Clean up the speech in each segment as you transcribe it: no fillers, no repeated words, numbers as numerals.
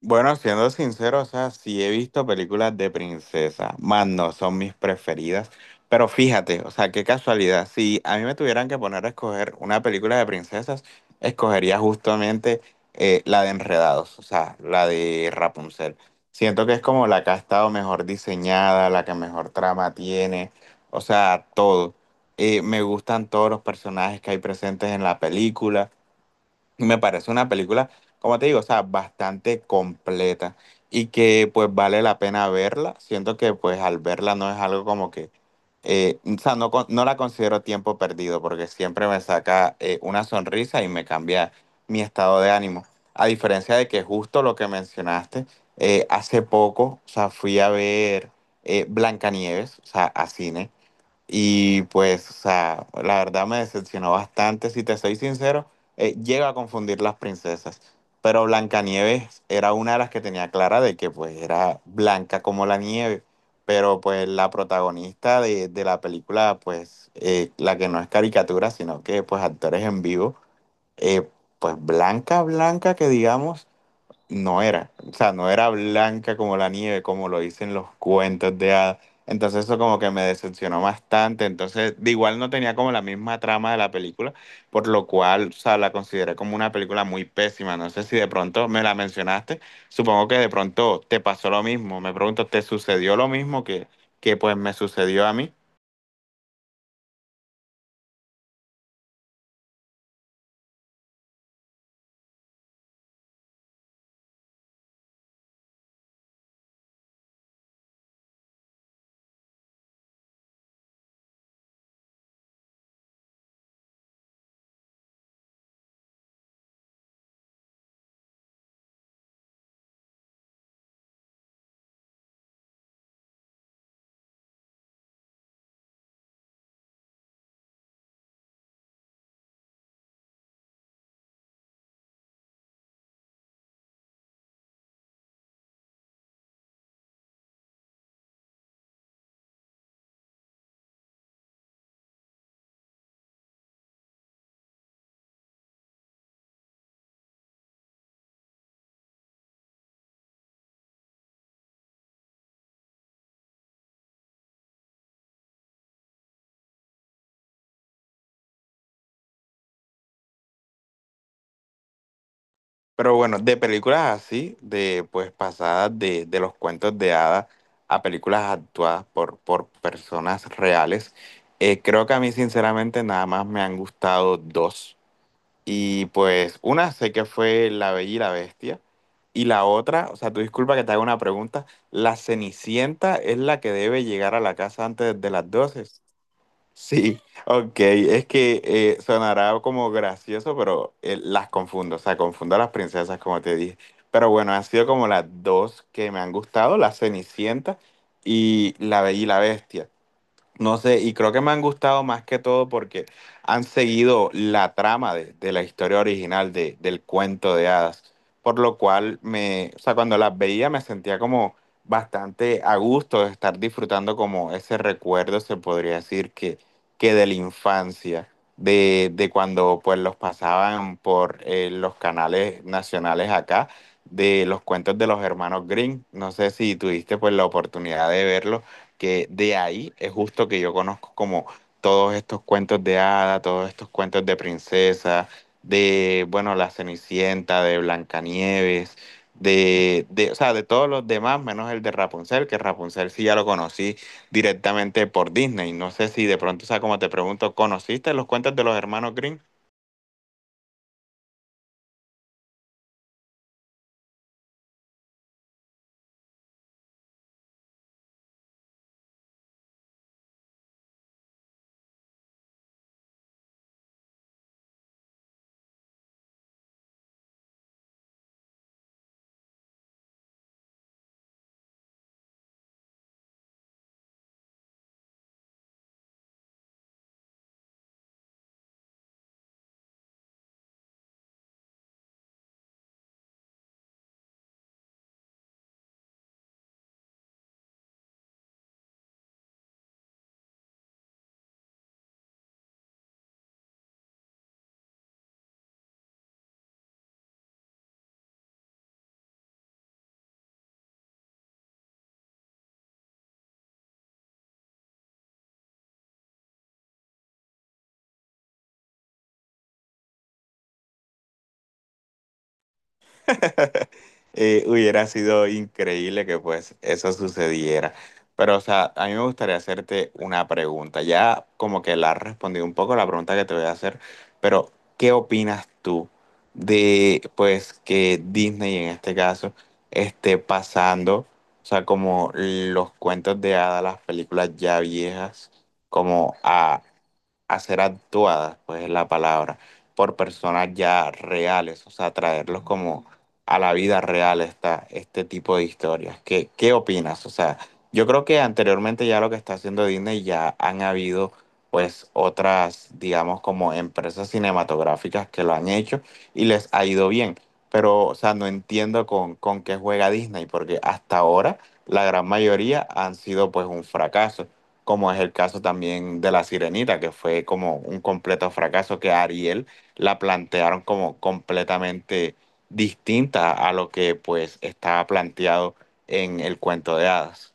Bueno, siendo sincero, o sea, sí he visto películas de princesa, más no son mis preferidas, pero fíjate, o sea, qué casualidad, si a mí me tuvieran que poner a escoger una película de princesas, escogería justamente la de Enredados, o sea, la de Rapunzel. Siento que es como la que ha estado mejor diseñada, la que mejor trama tiene, o sea, todo. Me gustan todos los personajes que hay presentes en la película. Me parece una película, como te digo, o sea, bastante completa y que pues vale la pena verla. Siento que pues al verla no es algo como que, o sea, no, no la considero tiempo perdido porque siempre me saca una sonrisa y me cambia mi estado de ánimo. A diferencia de que justo lo que mencionaste, hace poco, o sea, fui a ver Blancanieves, o sea, a cine y pues, o sea, la verdad me decepcionó bastante, si te soy sincero, llego a confundir las princesas, pero Blancanieves era una de las que tenía clara de que pues era blanca como la nieve, pero pues la protagonista de la película, pues la que no es caricatura, sino que pues actores en vivo, eh, pues blanca, blanca que digamos no era, o sea, no era blanca como la nieve, como lo dicen los cuentos de hadas. Entonces eso como que me decepcionó bastante. Entonces, de igual no tenía como la misma trama de la película, por lo cual, o sea, la consideré como una película muy pésima. No sé si de pronto me la mencionaste. Supongo que de pronto te pasó lo mismo. Me pregunto, ¿te sucedió lo mismo que pues me sucedió a mí? Pero bueno, de películas así, de pues pasadas de los cuentos de hadas a películas actuadas por personas reales, creo que a mí sinceramente nada más me han gustado dos. Y pues una sé que fue La Bella y la Bestia. Y la otra, o sea, tú disculpa que te haga una pregunta, ¿la Cenicienta es la que debe llegar a la casa antes de las 12? Sí, ok, es que sonará como gracioso, pero las confundo, o sea, confundo a las princesas, como te dije. Pero bueno, han sido como las dos que me han gustado, la Cenicienta y la Bella y la Bestia. No sé, y creo que me han gustado más que todo porque han seguido la trama de la historia original del cuento de hadas, por lo cual me, o sea, cuando las veía me sentía como bastante a gusto de estar disfrutando como ese recuerdo, se podría decir, que de la infancia, de cuando pues los pasaban por los canales nacionales acá, de los cuentos de los hermanos Green. No sé si tuviste pues la oportunidad de verlos que de ahí es justo que yo conozco como todos estos cuentos de hada, todos estos cuentos de princesa, de, bueno, la Cenicienta, de Blancanieves, o sea, de todos los demás, menos el de Rapunzel, que Rapunzel sí ya lo conocí directamente por Disney. No sé si de pronto, o sea, como te pregunto, ¿conociste los cuentos de los hermanos Grimm? Hubiera sido increíble que pues eso sucediera. Pero, o sea, a mí me gustaría hacerte una pregunta. Ya como que la has respondido un poco la pregunta que te voy a hacer, pero ¿qué opinas tú de pues que Disney en este caso esté pasando, o sea, como los cuentos de hadas, las películas ya viejas, como a ser actuadas, pues es la palabra, por personas ya reales, o sea, traerlos como a la vida real esta, este tipo de historias? ¿Qué, qué opinas? O sea, yo creo que anteriormente ya lo que está haciendo Disney ya han habido pues otras, digamos, como empresas cinematográficas que lo han hecho y les ha ido bien. Pero, o sea, no entiendo con qué juega Disney, porque hasta ahora la gran mayoría han sido pues un fracaso como es el caso también de La Sirenita, que fue como un completo fracaso, que a Ariel la plantearon como completamente distinta a lo que pues estaba planteado en el cuento de hadas.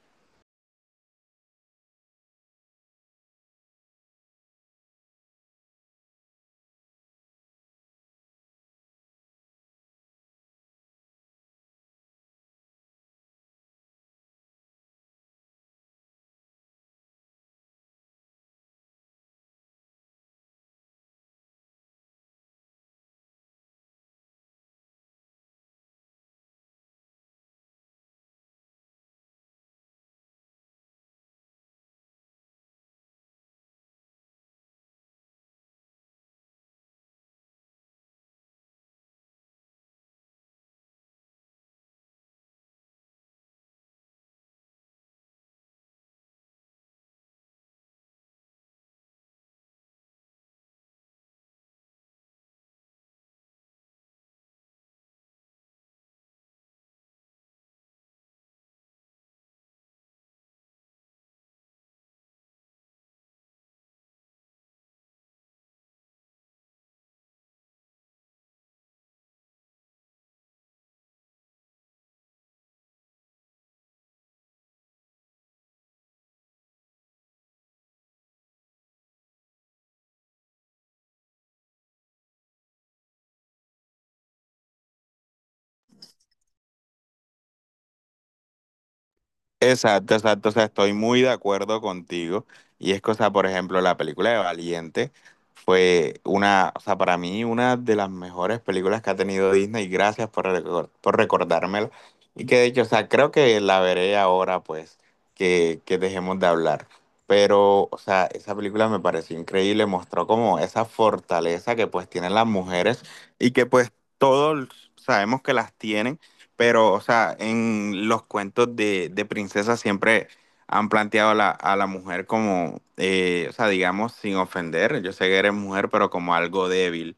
Exacto, exacto, o sea, estoy muy de acuerdo contigo. Y es que, o sea, por ejemplo, la película de Valiente fue una, o sea, para mí una de las mejores películas que ha tenido Disney. Gracias por, por recordármela. Y que de hecho, o sea, creo que la veré ahora, pues, que dejemos de hablar. Pero, o sea, esa película me pareció increíble, mostró como esa fortaleza que pues tienen las mujeres y que pues todos sabemos que las tienen pero, o sea, en los cuentos de princesas siempre han planteado a la mujer como, o sea, digamos, sin ofender, yo sé que eres mujer, pero como algo débil.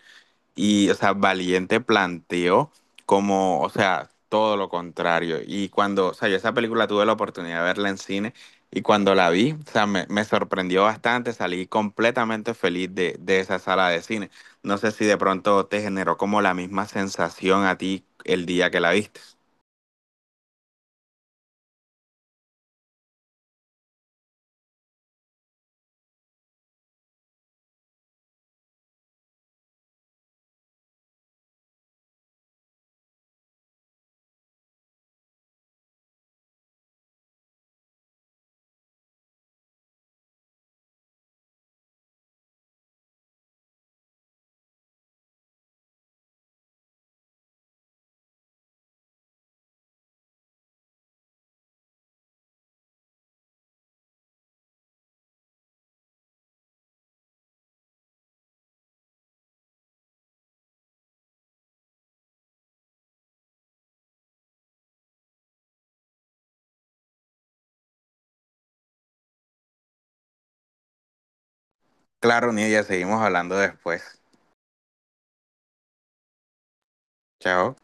Y, o sea, Valiente planteó como, o sea, todo lo contrario. Y cuando, o sea, yo esa película tuve la oportunidad de verla en cine y cuando la vi, o sea, me sorprendió bastante, salí completamente feliz de esa sala de cine. No sé si de pronto te generó como la misma sensación a ti el día que la viste. Claro, Nia, seguimos hablando después. Chao.